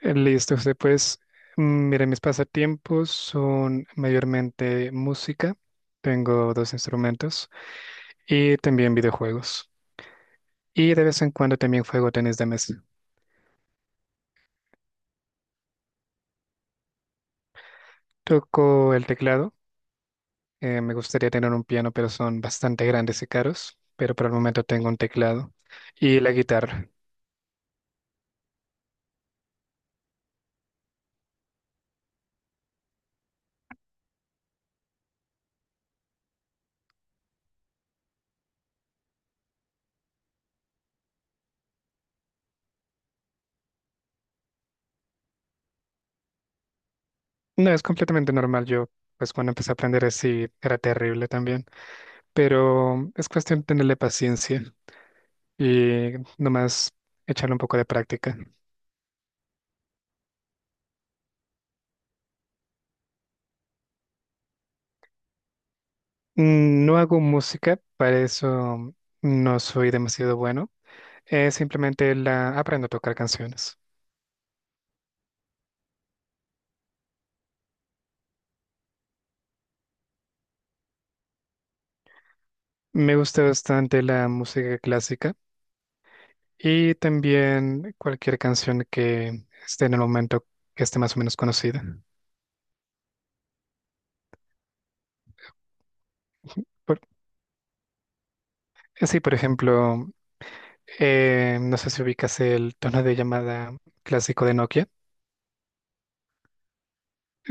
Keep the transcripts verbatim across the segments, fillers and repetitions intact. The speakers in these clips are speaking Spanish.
Listo, José, pues, mm, mis pasatiempos son mayormente música, tengo dos instrumentos y también videojuegos. Y de vez en cuando también juego tenis de mesa. Toco el teclado, eh, me gustaría tener un piano, pero son bastante grandes y caros, pero por el momento tengo un teclado y la guitarra. No, es completamente normal, yo pues cuando empecé a aprender así era terrible también, pero es cuestión de tenerle paciencia y nomás echarle un poco de práctica. Mm, No hago música, para eso no soy demasiado bueno. Eh, simplemente la aprendo a tocar canciones. Me gusta bastante la música clásica y también cualquier canción que esté en el momento que esté más o menos conocida. Por, eh, sí, por ejemplo, eh, no sé si ubicas el tono de llamada clásico de Nokia.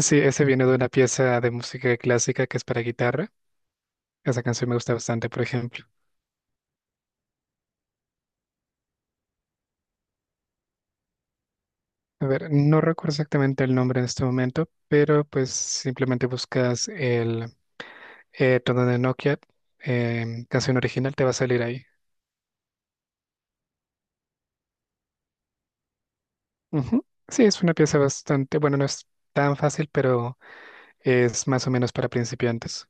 Sí, ese viene de una pieza de música clásica que es para guitarra. Esa canción me gusta bastante, por ejemplo. A ver, no recuerdo exactamente el nombre en este momento, pero pues simplemente buscas el eh, tono de Nokia, em, canción original, te va a salir ahí. Ujú. Sí, es una pieza bastante, bueno, no es tan fácil, pero es más o menos para principiantes.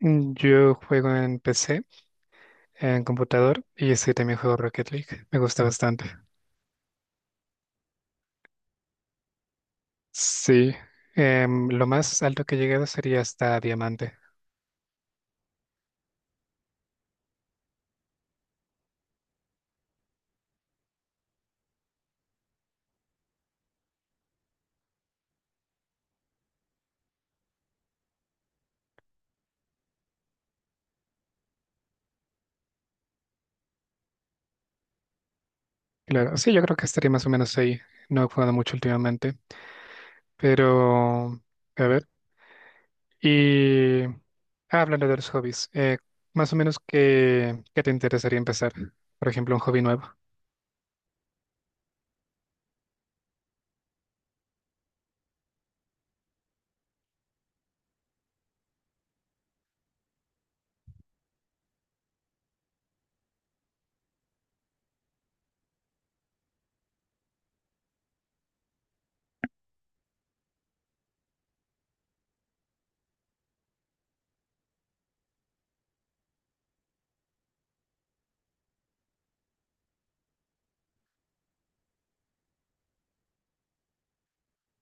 Mm, Yo juego en P C, en computador, y sí, también juego Rocket League. Me gusta bastante. Sí, em, lo más alto que he llegado sería hasta Diamante. Claro, sí, yo creo que estaría más o menos ahí. No he jugado mucho últimamente. Pero, a ver, y ah, hablando de los hobbies, eh, más o menos qué, qué te interesaría empezar, por ejemplo, un hobby nuevo.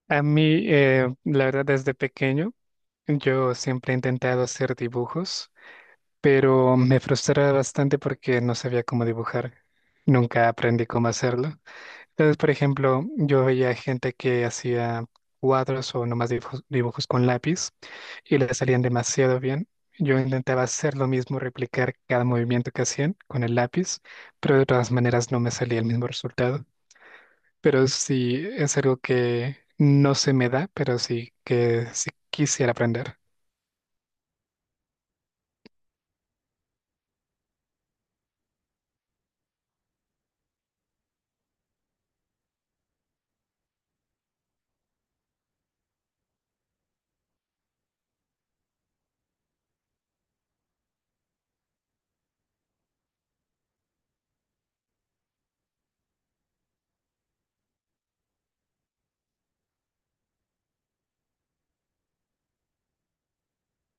A mí, eh, la verdad, desde pequeño, yo siempre he intentado hacer dibujos, pero me frustraba bastante porque no sabía cómo dibujar. Nunca aprendí cómo hacerlo. Entonces, por ejemplo, yo veía gente que hacía cuadros o nomás dibujos, dibujos con lápiz y le salían demasiado bien. Yo intentaba hacer lo mismo, replicar cada movimiento que hacían con el lápiz, pero de todas maneras no me salía el mismo resultado. Pero sí es algo que no se me da, pero sí que sí quisiera aprender.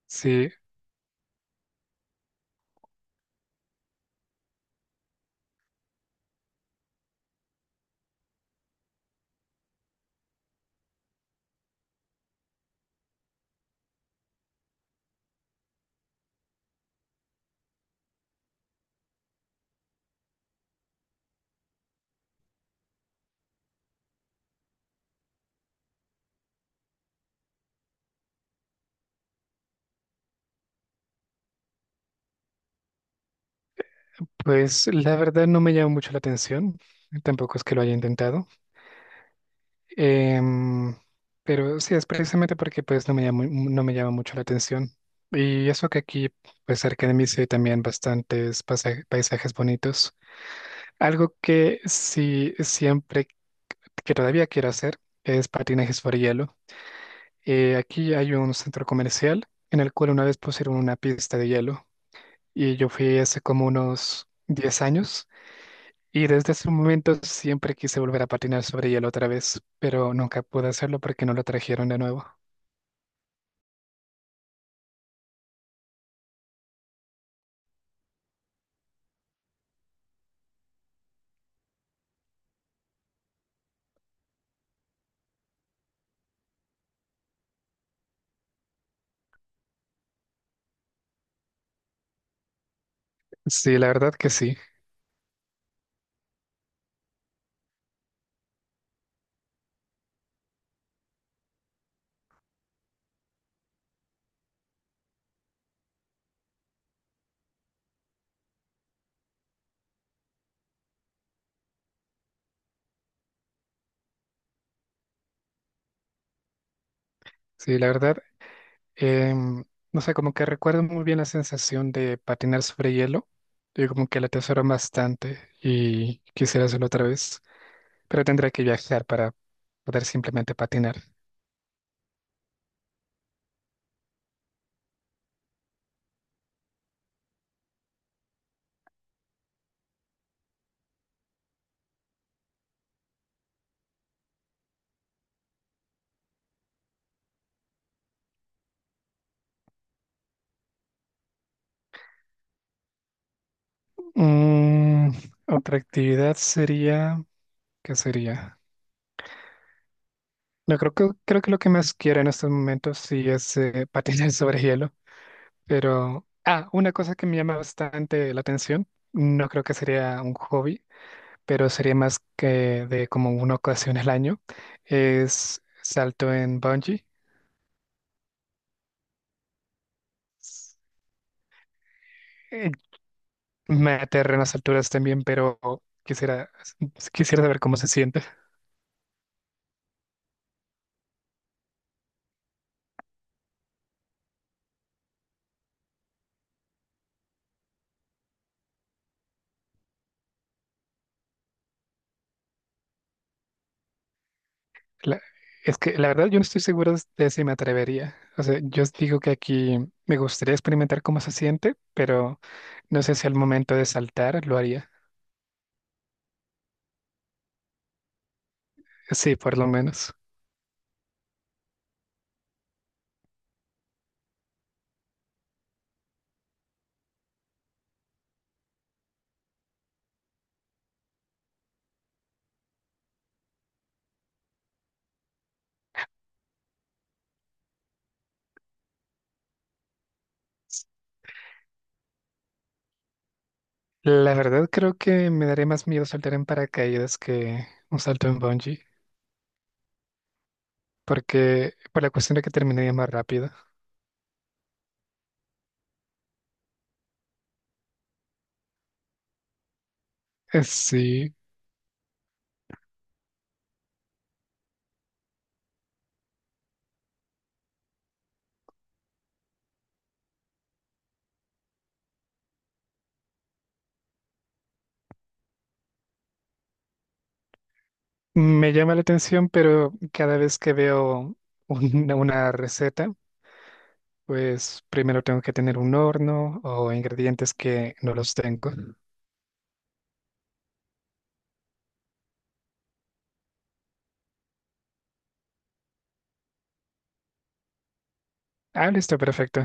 Sí, pues la verdad no me llama mucho la atención, tampoco es que lo haya intentado. Em, pero sí, es precisamente porque pues no me llama, mu- no me llama mucho la atención. Y eso que aquí, pues cerca de mí sí hay también bastantes pasaje- paisajes bonitos. Algo que sí siempre, que todavía quiero hacer, es patinaje sobre hielo. Eh, aquí hay un centro comercial en el cual una vez pusieron una pista de hielo y yo fui hace como unos diez años y desde ese momento siempre quise volver a patinar sobre hielo otra vez, pero nunca pude hacerlo porque no lo trajeron de nuevo. Sí, la verdad que sí. Sí, la verdad, em, no sé, como que recuerdo muy bien la sensación de patinar sobre hielo. Yo como que la atesoro bastante y quisiera hacerlo otra vez, pero tendría que viajar para poder simplemente patinar. Mm, Otra actividad sería, ¿qué sería? No, creo que, creo que lo que más quiero en estos momentos sí es eh, patinar sobre hielo, pero, ah, una cosa que me llama bastante la atención, no creo que sería un hobby pero sería más que de como una ocasión al año, es salto en bungee. S- eh, Me aterra en las alturas también, pero quisiera, quisiera saber cómo se siente. La- es que la verdad yo no estoy seguro de si me atrevería. O sea, yo os digo que aquí me gustaría experimentar cómo se siente, pero no sé si al momento de saltar lo haría. Sí, por lo menos. La verdad creo que me daría más miedo saltar en paracaídas que un salto en bungee, porque por la cuestión de que terminaría más rápido. Eh, Sí, me llama la atención, pero cada vez que veo una, una receta, pues primero tengo que tener un horno o ingredientes que no los tengo. Ah, listo, perfecto.